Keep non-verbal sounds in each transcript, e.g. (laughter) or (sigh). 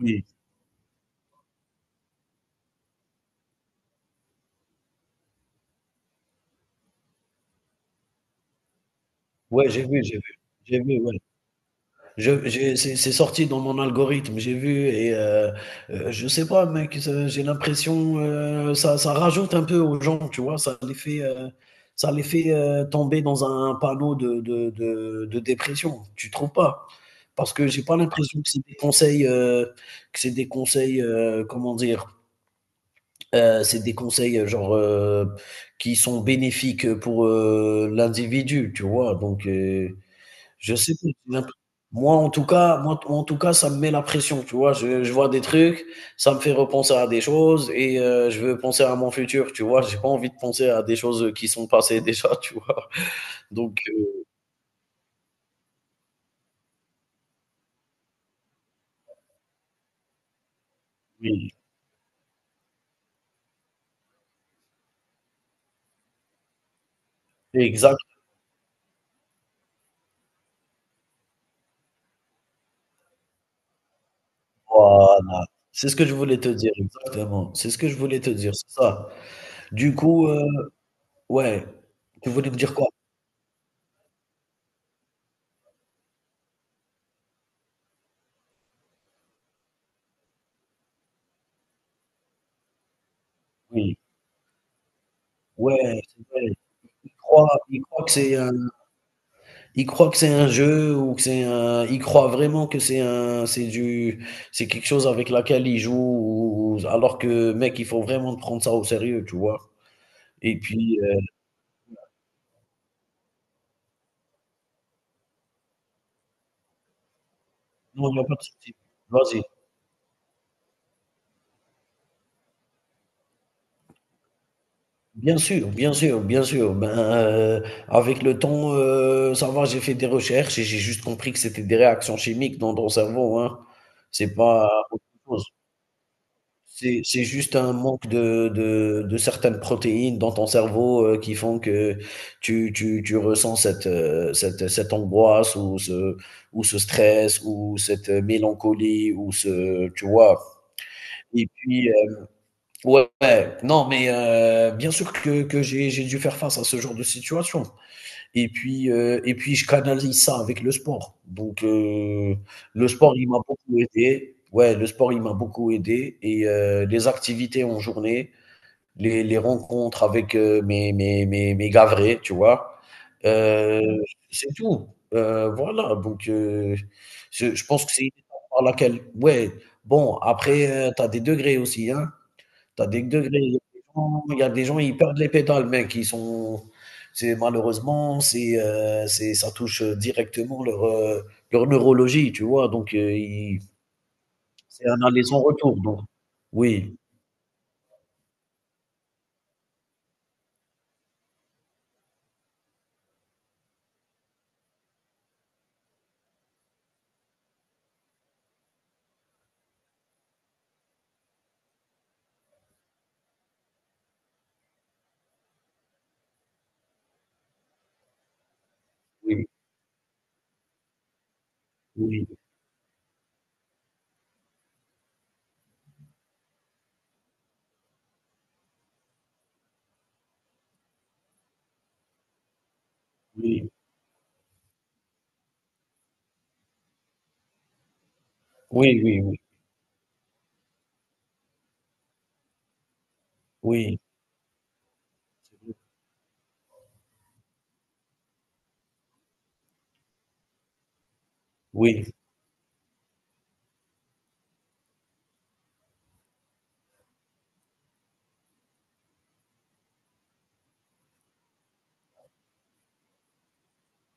Oui. Ouais, j'ai vu, j'ai vu. J'ai vu, ouais. Je j'ai c'est sorti dans mon algorithme, j'ai vu et je sais pas mec, ça j'ai l'impression, ça rajoute un peu aux gens, tu vois? Ça les fait, tomber dans un panneau de dépression, tu trouves pas? Parce que j'ai pas l'impression que c'est des conseils, que c'est des conseils, comment dire? C'est des conseils, genre, qui sont bénéfiques, pour, l'individu, tu vois? Donc je sais pas, moi en tout cas, ça me met la pression, tu vois? Je vois des trucs, ça me fait repenser à des choses et je veux penser à mon futur, tu vois? J'ai pas envie de penser à des choses qui sont passées déjà, (laughs) tu vois? Donc oui, exact, voilà. C'est ce que je voulais te dire, exactement. C'est ce que je voulais te dire, c'est ça. Du coup, ouais, tu voulais me dire quoi? Oui, ouais, c'est vrai. Ils croient que c'est un. Ils croient que c'est un jeu ou que c'est un. Ils croient vraiment que c'est un, c'est du, c'est quelque chose avec laquelle ils jouent, alors que mec, il faut vraiment prendre ça au sérieux, tu vois? Et puis, non, il y a pas de souci. Vas-y. Bien sûr, bien sûr, bien sûr. Ben, heu, avec le temps, ça va, j'ai fait des recherches et j'ai juste compris que c'était des réactions chimiques dans ton cerveau, hein. C'est pas autre chose. C'est juste un manque de certaines protéines dans ton cerveau, qui font que tu ressens cette, cette angoisse ou ce stress ou cette mélancolie ou ce tu vois? Et puis, ouais, ouais, non mais, bien sûr que j'ai dû faire face à ce genre de situation. Et puis, et puis je canalise ça avec le sport. Donc le sport, il m'a beaucoup aidé. Ouais, le sport, il m'a beaucoup aidé et les activités en journée, les rencontres avec, mes gars vrais, tu vois? Heu, c'est tout. Voilà, donc je pense que c'est une étape par laquelle ouais, bon après, tu as des degrés aussi, hein? T'as des degrés. Il y a des gens, il y a des gens, ils perdent les pédales, mec. Ils sont, c'est malheureusement, c'est, ça touche directement leur, leur neurologie, tu vois? Donc, ils c'est un aller sans retour, donc oui, oui, oui, oui, oui, oui, oui, oui, oui,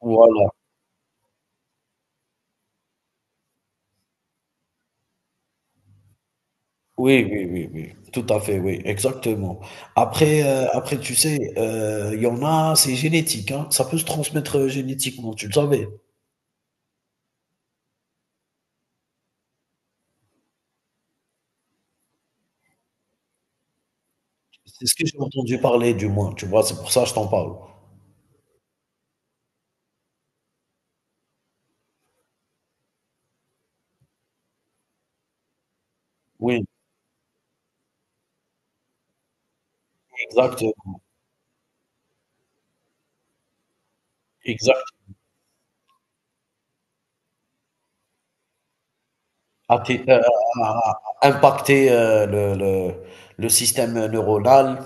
voilà, oui, oui, oui, oui, tout à fait, oui, exactement. Après, après, tu sais, il y en a, c'est génétique, hein. Ça peut se transmettre, génétiquement, tu le savais? C'est ce que j'ai entendu parler du moins, tu vois? C'est pour ça que je t'en parle. Oui, exact, exact. Athé- euh, à impacter, le le système neuronal.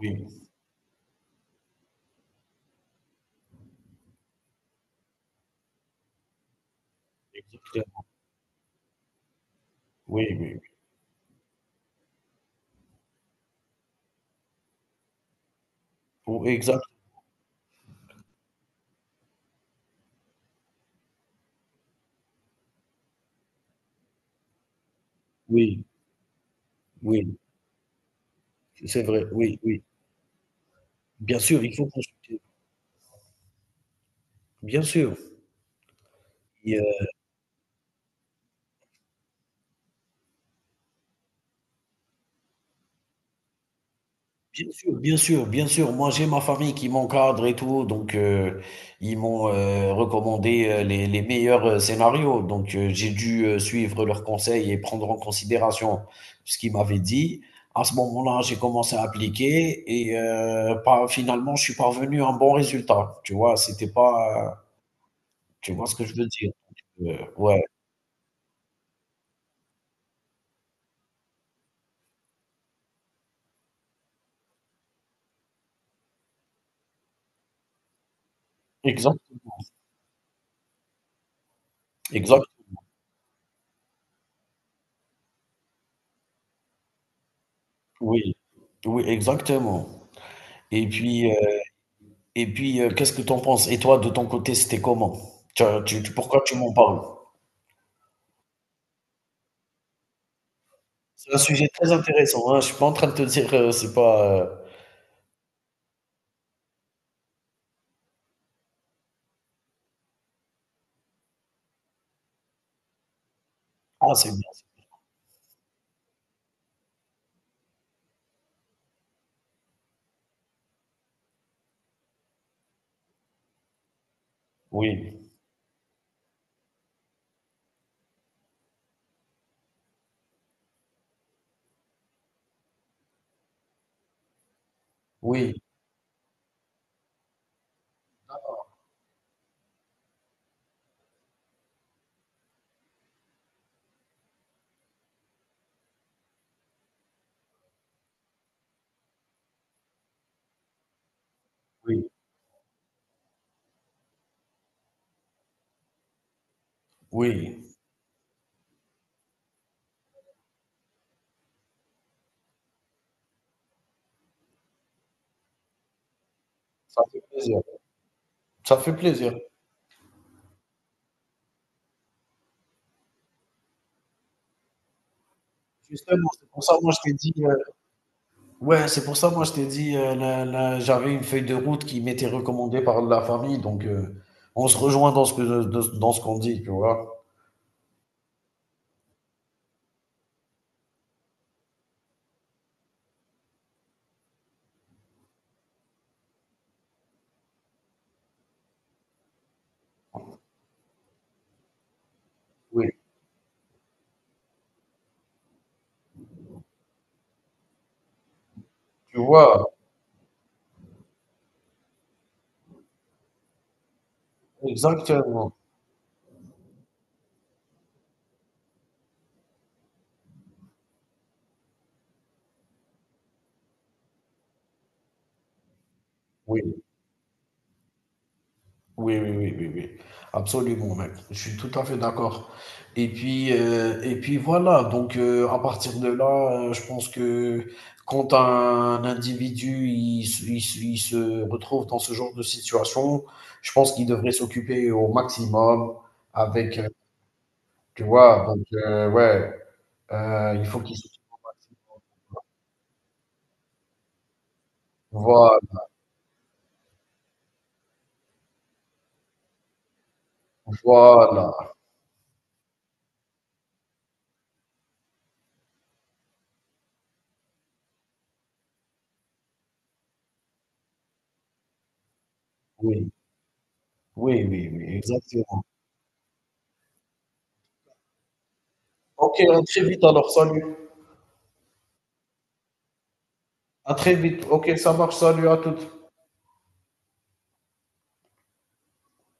Oui, exactement. Oui, oui, oui, exact. Oui, oui, c'est vrai, oui, oui. Bien sûr, il faut consulter. Bien sûr. Bien sûr, bien sûr, bien sûr. Moi, j'ai ma famille qui m'encadre et tout, donc ils m'ont recommandé les meilleurs scénarios. Donc, j'ai dû suivre leurs conseils et prendre en considération ce qu'ils m'avaient dit. À ce moment-là, j'ai commencé à appliquer et finalement, je suis parvenu à un bon résultat. Tu vois, c'était pas, tu vois ce que je veux dire. Ouais, exact, exact, oui, oui, exactement. Et puis. euh, Et puis, qu'est-ce que tu en penses? Et toi, de ton côté, c'était comment? Tu as tu tu pourquoi tu m'en parles? C'est un sujet très intéressant, hein. Je suis pas en train de te dire, c'est pas, ah, c'est bien. Oui, oui, oui, oui, ça fait plaisir, ça fait plaisir. Justement, c'est pour ça, moi, je t'ai dit, ouais, c'est pour ça, moi, je t'ai dit, la j'avais une feuille de route qui m'était recommandée par la famille, donc on se rejoint dans ce que de dans ce qu'on dit, tu vois? Oui, tu vois? Exactement, oui. Oui, oui, oui, oui, oui. Absolument, mec. Je suis tout à fait d'accord. Et puis voilà. Donc, à partir de là, je pense que quand un individu il se retrouve dans ce genre de situation, je pense qu'il devrait s'occuper au maximum avec, tu vois, donc, ouais, il faut qu'il s'occupe. Voilà, voilà. Oui, oui, oui, oui, exactement. Ok, à très vite alors, salut. À très vite. Ok, ça marche, salut à toutes.